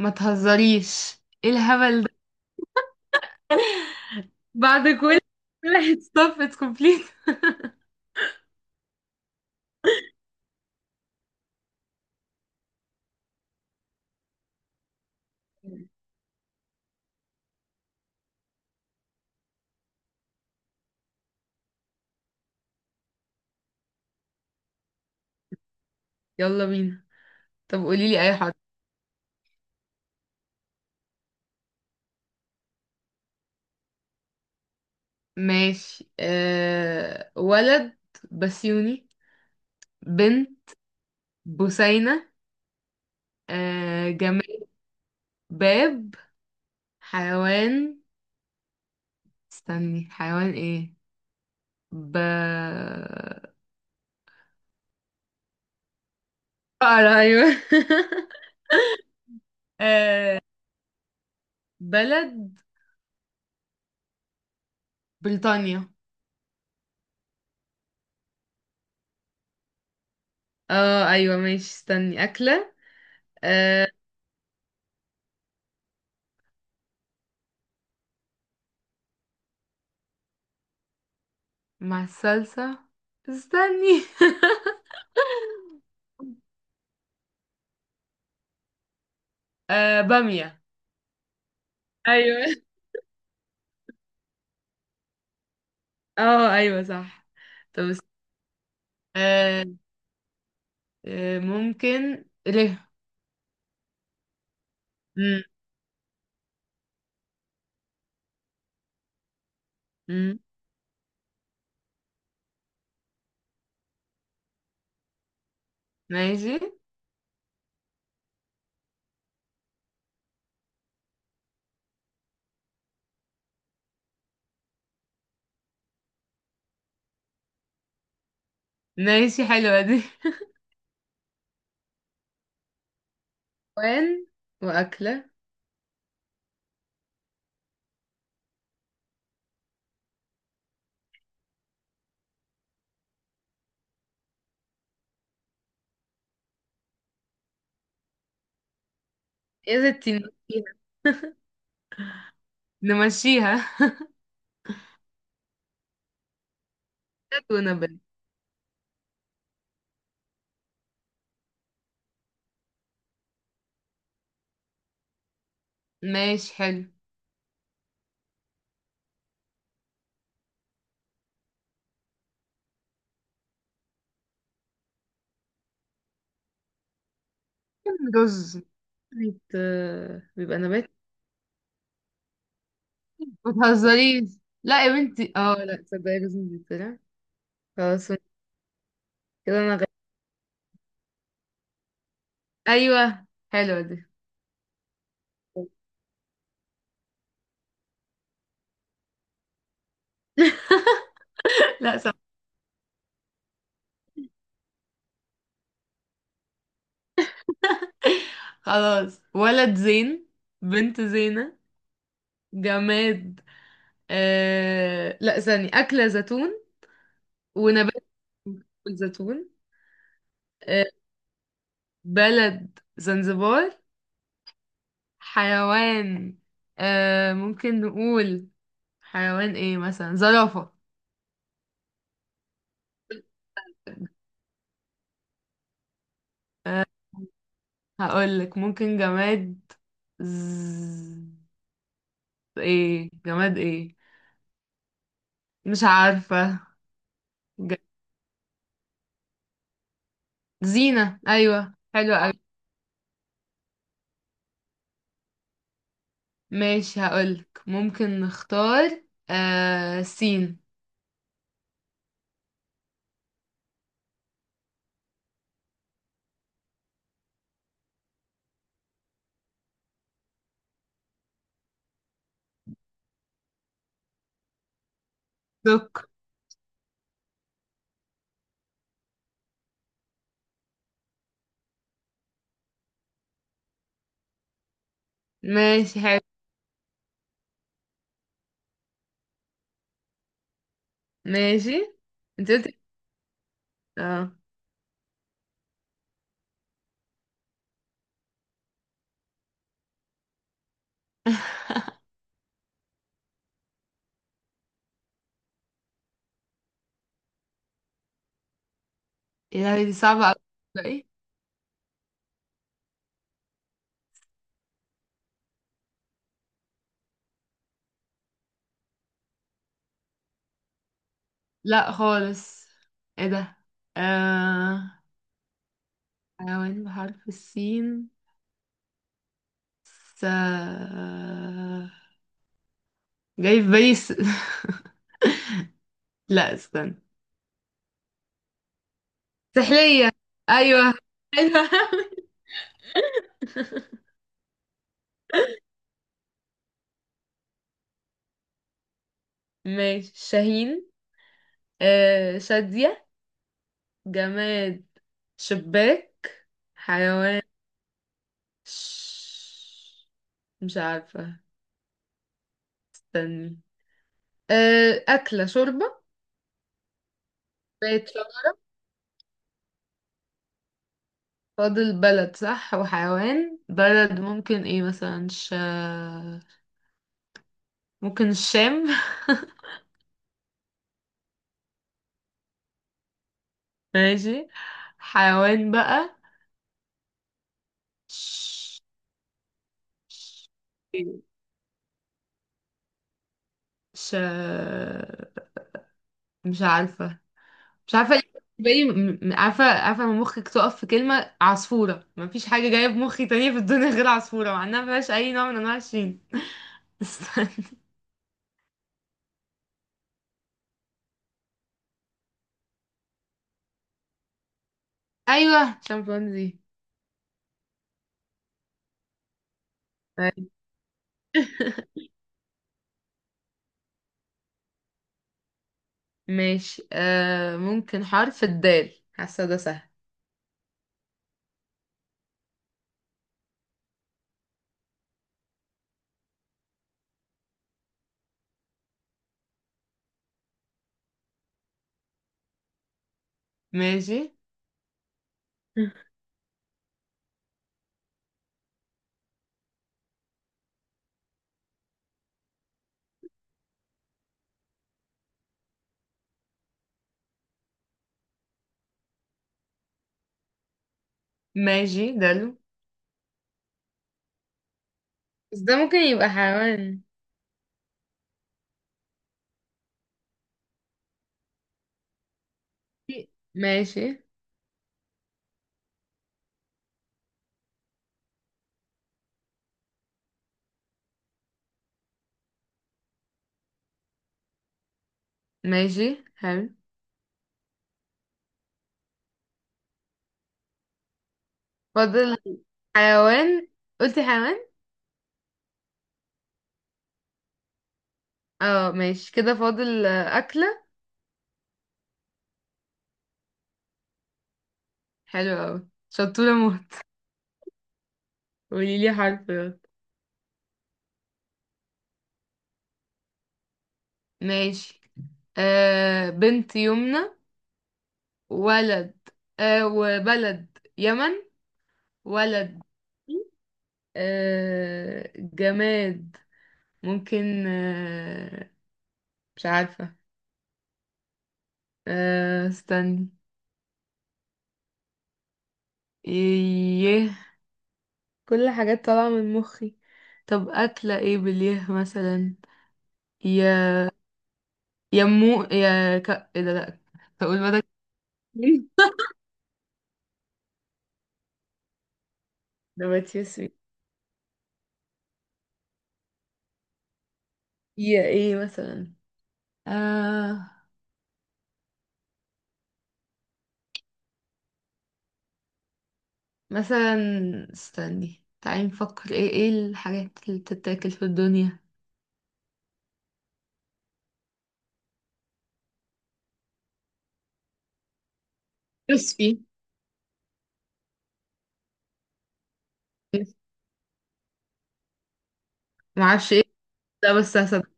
ما تهزريش، ايه الهبل ده؟ بعد كل واحد stop it's complete. يلا بينا. طب قوليلي اي حرف؟ ماشي، ولد بسيوني. بنت بوسينة. جماد باب. حيوان، استني، حيوان ايه؟ ب بقرة، ايوه. أه... بلد بريطانيا. اه ايوه ماشي، استني، اكلة. أه... مع الصلصة، استني. آه، بامية. ايوه. اه ايوه صح. طب آه ممكن ليه. مم. مم. ماشي. ماشي حلوة دي. وين وأكلة. يا ستي نمشيها. نمشيها. نبات ونبات. ماشي حلو. رز، بيبقى نبات. ما تهزريش، لا يا بنتي، اه لا تصدقي، رز بيطلع. خلاص. كده انا ايوه، حلوة دي. لا صح. خلاص. ولد زين. بنت زينة. جماد، لا، ثاني أكلة زيتون. ونبات الزيتون. آه... بلد زنزبار. حيوان، ممكن نقول حيوان ايه، مثلا زرافة. آه... هقولك ممكن جماد. ز... ايه جماد ايه؟ مش عارفة. ج... زينة، ايوه حلوة. ماشي، هقولك ممكن نختار سين. دوك. ماشي حلو. ماشي، انت قلت. اه. ايه ده؟ دي صعبة اوي. لا ايه؟ لا خالص. ايه ده؟ آه حيوان بحرف السين. س جاي في بالي لا استنى. سحلية. ايوه. ايوه. ماشي، شاهين. شادية. جماد شباك. حيوان ش- مش عارفة، استني. أكلة شوربة. بيت شخص. فاضل بلد، صح، وحيوان. بلد ممكن ايه، مثلا ممكن الشام. ماشي. حيوان بقى. ش... ش... مش عارفة. مش عارفه ليه بالنسبة لي، عارفه عارفه، لما مخك تقف في كلمه عصفوره مفيش حاجه جايه في مخي تانية في الدنيا غير عصفوره، مع انها مفيهاش اي نوع من انواع الشين. استنى. ايوه شمبانزي. طيب. ماشي، ممكن حرف الدال، حاسه ده سهل. ماشي. ماشي دلو. بس ده ممكن يبقى حيوان. ماشي. ماشي حلو. فاضل حيوان. قلتي حيوان. اه ماشي، كده فاضل أكلة. حلو أوي، شطورة موت. قولي لي حرف، يلا. ماشي، بنت يمنى. ولد، وبلد يمن. ولد، جماد، ممكن، مش عارفة. استني. يه. كل حاجات طالعة من مخي. طب أكلة ايه، باليه مثلا؟ يا يمو يا ايه ده، لأ. هقول مدى. نباتي اسمي. يا ايه مثلا؟ آه مثلا، استني، تعالي نفكر ايه ايه الحاجات اللي بتتاكل في الدنيا. كريسبي. معرفش ايه ده، بس هصدق.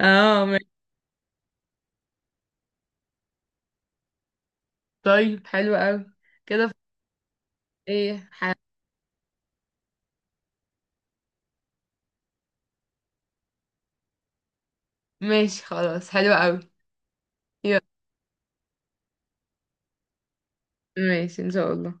اه ماشي. طيب حلو قوي. كده ايه ماشي خلاص، حلو قوي. يلا. ماشي ان شاء الله.